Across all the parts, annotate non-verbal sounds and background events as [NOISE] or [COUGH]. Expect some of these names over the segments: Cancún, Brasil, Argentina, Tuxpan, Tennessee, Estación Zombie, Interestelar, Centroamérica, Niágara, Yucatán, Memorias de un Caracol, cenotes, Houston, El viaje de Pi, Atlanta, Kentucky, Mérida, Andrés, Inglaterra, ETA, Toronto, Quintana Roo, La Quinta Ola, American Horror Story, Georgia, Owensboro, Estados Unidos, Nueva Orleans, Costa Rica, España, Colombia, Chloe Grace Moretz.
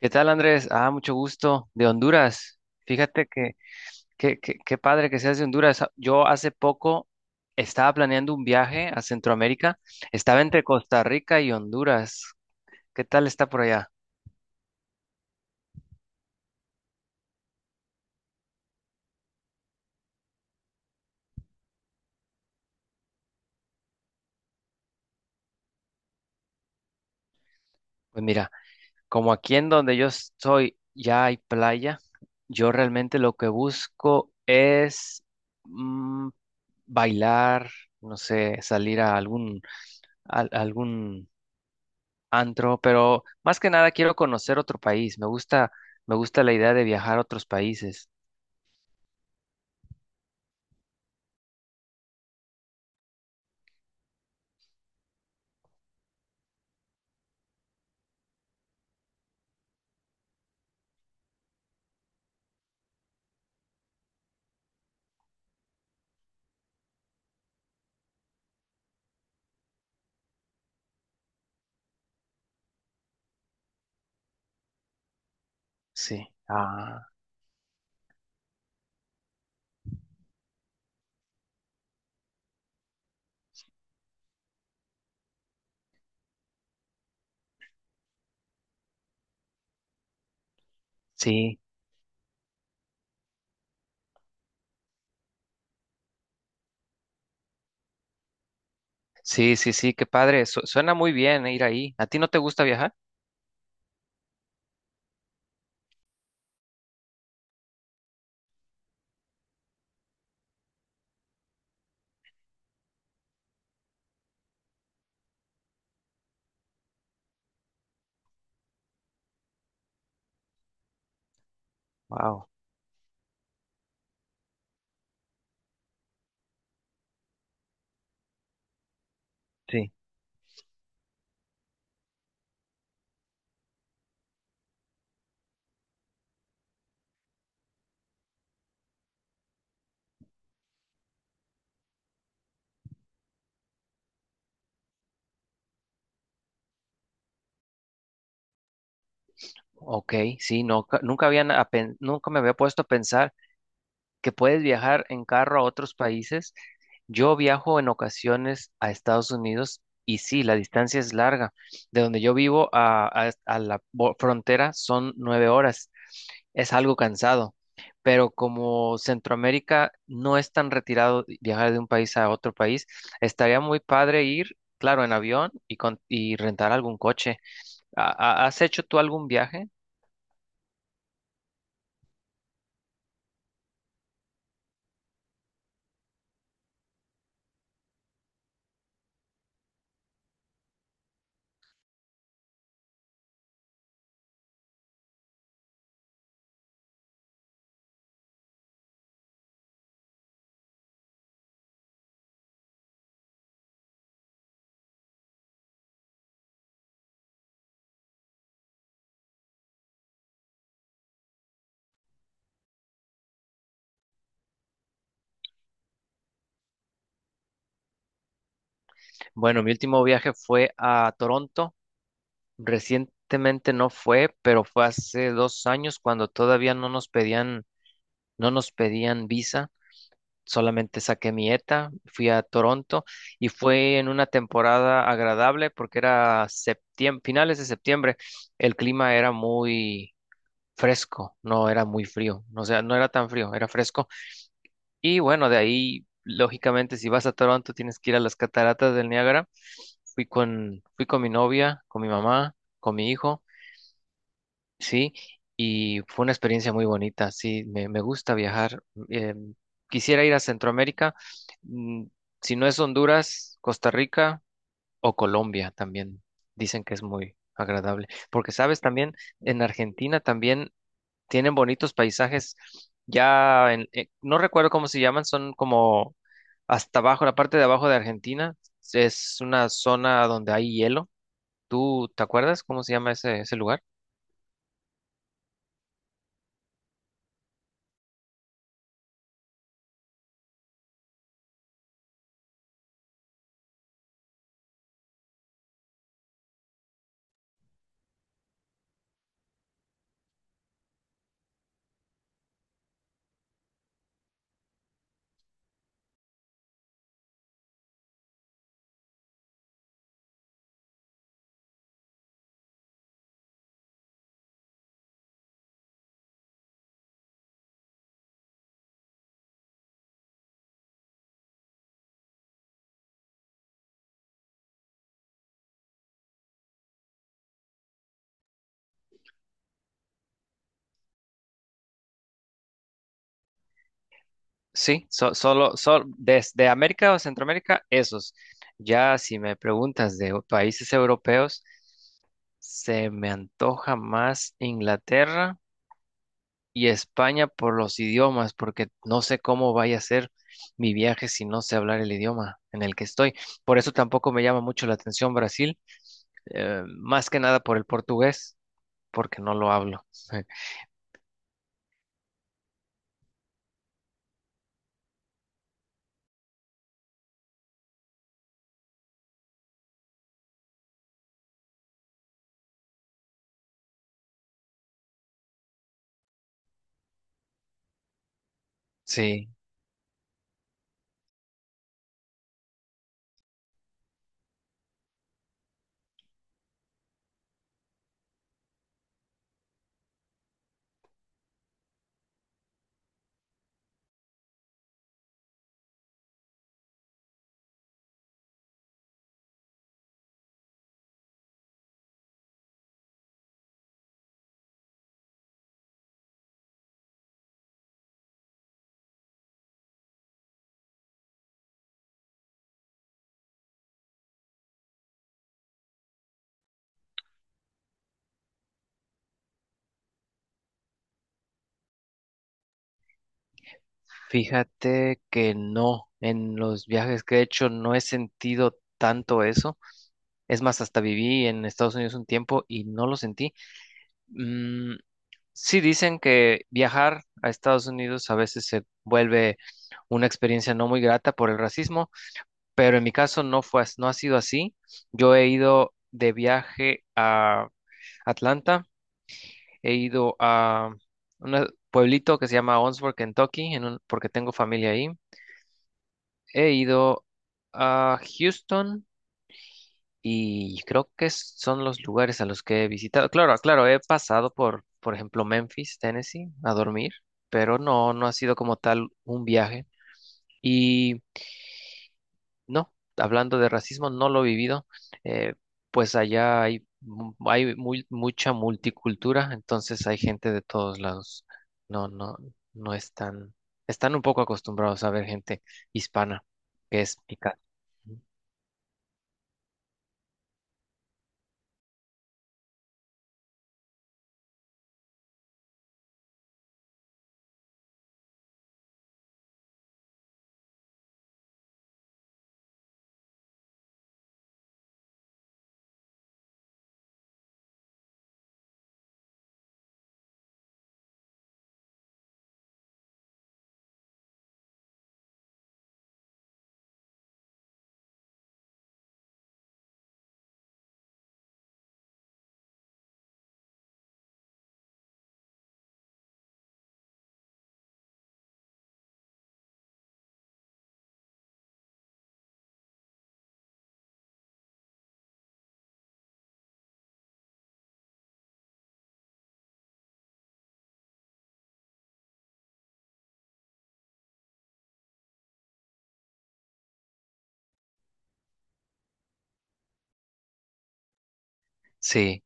¿Qué tal, Andrés? Ah, mucho gusto. De Honduras. Fíjate qué padre que seas de Honduras. Ah, yo hace poco estaba planeando un viaje a Centroamérica. Estaba entre Costa Rica y Honduras. ¿Qué tal está por allá? Pues mira, como aquí en donde yo estoy ya hay playa, yo realmente lo que busco es mm, bailar, no sé, salir a algún antro, pero más que nada quiero conocer otro país. Me gusta la idea de viajar a otros países. Sí. Ah, sí, sí, sí, sí, qué padre. Suena muy bien ir ahí. ¿A ti no te gusta viajar? Wow, sí. Ok, sí, no, nunca habían, nunca me había puesto a pensar que puedes viajar en carro a otros países. Yo viajo en ocasiones a Estados Unidos y sí, la distancia es larga. De donde yo vivo a, a la frontera son 9 horas. Es algo cansado, pero como Centroamérica no es tan retirado viajar de un país a otro país, estaría muy padre ir, claro, en avión y, y rentar algún coche. ¿Has hecho tú algún viaje? Bueno, mi último viaje fue a Toronto. Recientemente no fue, pero fue hace 2 años cuando todavía no nos pedían, no nos pedían visa. Solamente saqué mi ETA, fui a Toronto y fue en una temporada agradable porque era septiembre, finales de septiembre. El clima era muy fresco, no era muy frío, o sea, no era tan frío, era fresco. Y bueno, de ahí, lógicamente, si vas a Toronto tienes que ir a las cataratas del Niágara. Fui con mi novia, con mi mamá, con mi hijo. Sí, y fue una experiencia muy bonita, sí, me gusta viajar. eh, Quisiera ir a Centroamérica, mm, si no es Honduras, Costa Rica o Colombia también. Dicen que es muy agradable, porque sabes también, en Argentina también tienen bonitos paisajes, no recuerdo cómo se llaman, son como hasta abajo, la parte de abajo de Argentina, es una zona donde hay hielo. ¿Tú te acuerdas cómo se llama ese lugar? Sí, desde América o Centroamérica, esos. Ya si me preguntas de países europeos, se me antoja más Inglaterra y España por los idiomas, porque no sé cómo vaya a ser mi viaje si no sé hablar el idioma en el que estoy. Por eso tampoco me llama mucho la atención Brasil, más que nada por el portugués, porque no lo hablo. [LAUGHS] Sí. Fíjate que no, en los viajes que he hecho no he sentido tanto eso. Es más, hasta viví en Estados Unidos un tiempo y no lo sentí. Mm, sí dicen que viajar a Estados Unidos a veces se vuelve una experiencia no muy grata por el racismo, pero en mi caso no ha sido así. Yo he ido de viaje a Atlanta, he ido a un pueblito que se llama Owensboro, Kentucky, porque tengo familia ahí. He ido a Houston y creo que son los lugares a los que he visitado. Claro, claro, he pasado por ejemplo, Memphis, Tennessee, a dormir, pero no, no ha sido como tal un viaje. Y no, hablando de racismo, no lo he vivido. Eh, pues hay mucha multicultura, entonces hay gente de todos lados. No, no, no están, están un poco acostumbrados a ver gente hispana, que es mi caso. Sí.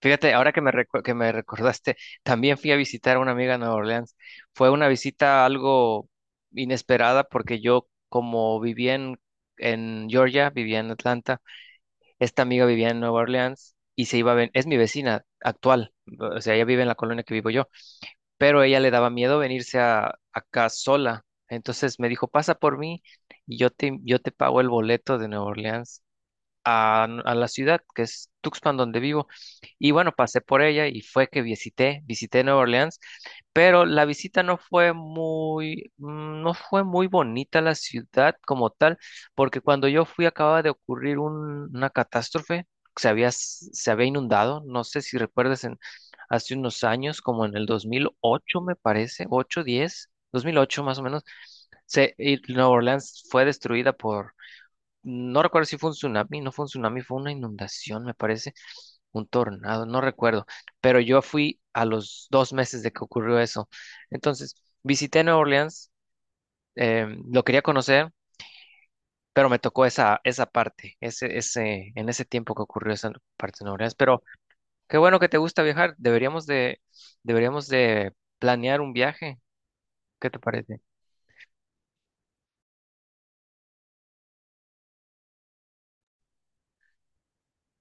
Fíjate, ahora que que me recordaste, también fui a visitar a una amiga en Nueva Orleans. Fue una visita algo inesperada porque yo, como en Georgia, vivía en Atlanta, esta amiga vivía en Nueva Orleans y se es mi vecina actual, o sea, ella vive en la colonia que vivo yo, pero a ella le daba miedo venirse a, acá sola. Entonces me dijo, pasa por mí y yo te pago el boleto de Nueva Orleans a la ciudad que es Tuxpan donde vivo. Y bueno, pasé por ella y fue que visité Nueva Orleans, pero la visita no fue muy, mm, no fue muy bonita la ciudad como tal, porque cuando yo fui acababa de ocurrir una catástrofe, se había inundado, no sé si recuerdas en, hace unos años, como en el 2008 me parece, ocho diez 2008 más o menos, se, y Nueva Orleans fue destruida por no recuerdo si fue un tsunami, no fue un tsunami, fue una inundación, me parece, un tornado, no recuerdo, pero yo fui a los 2 meses de que ocurrió eso. Entonces, visité Nueva Orleans, lo quería conocer, pero me tocó esa parte, en ese tiempo que ocurrió esa parte de Nueva Orleans. Pero qué bueno que te gusta viajar, deberíamos de planear un viaje, ¿qué te parece?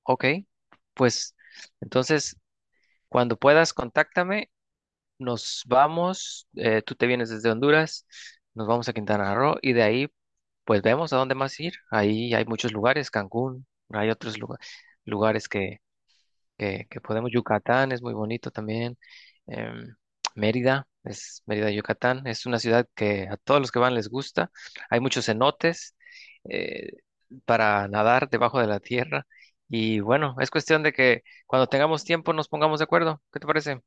Ok, pues entonces, cuando puedas, contáctame. Nos vamos, tú te vienes desde Honduras, nos vamos a Quintana Roo y de ahí pues vemos a dónde más ir. Ahí hay muchos lugares, Cancún, hay lugares que podemos, Yucatán es muy bonito también, em, Mérida, Yucatán, es una ciudad que a todos los que van les gusta, hay muchos cenotes eh, para nadar debajo de la tierra y bueno, es cuestión de que cuando tengamos tiempo nos pongamos de acuerdo, ¿qué te parece?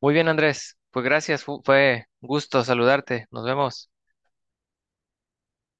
Muy bien, Andrés. Pues gracias, fue gusto saludarte. Nos vemos.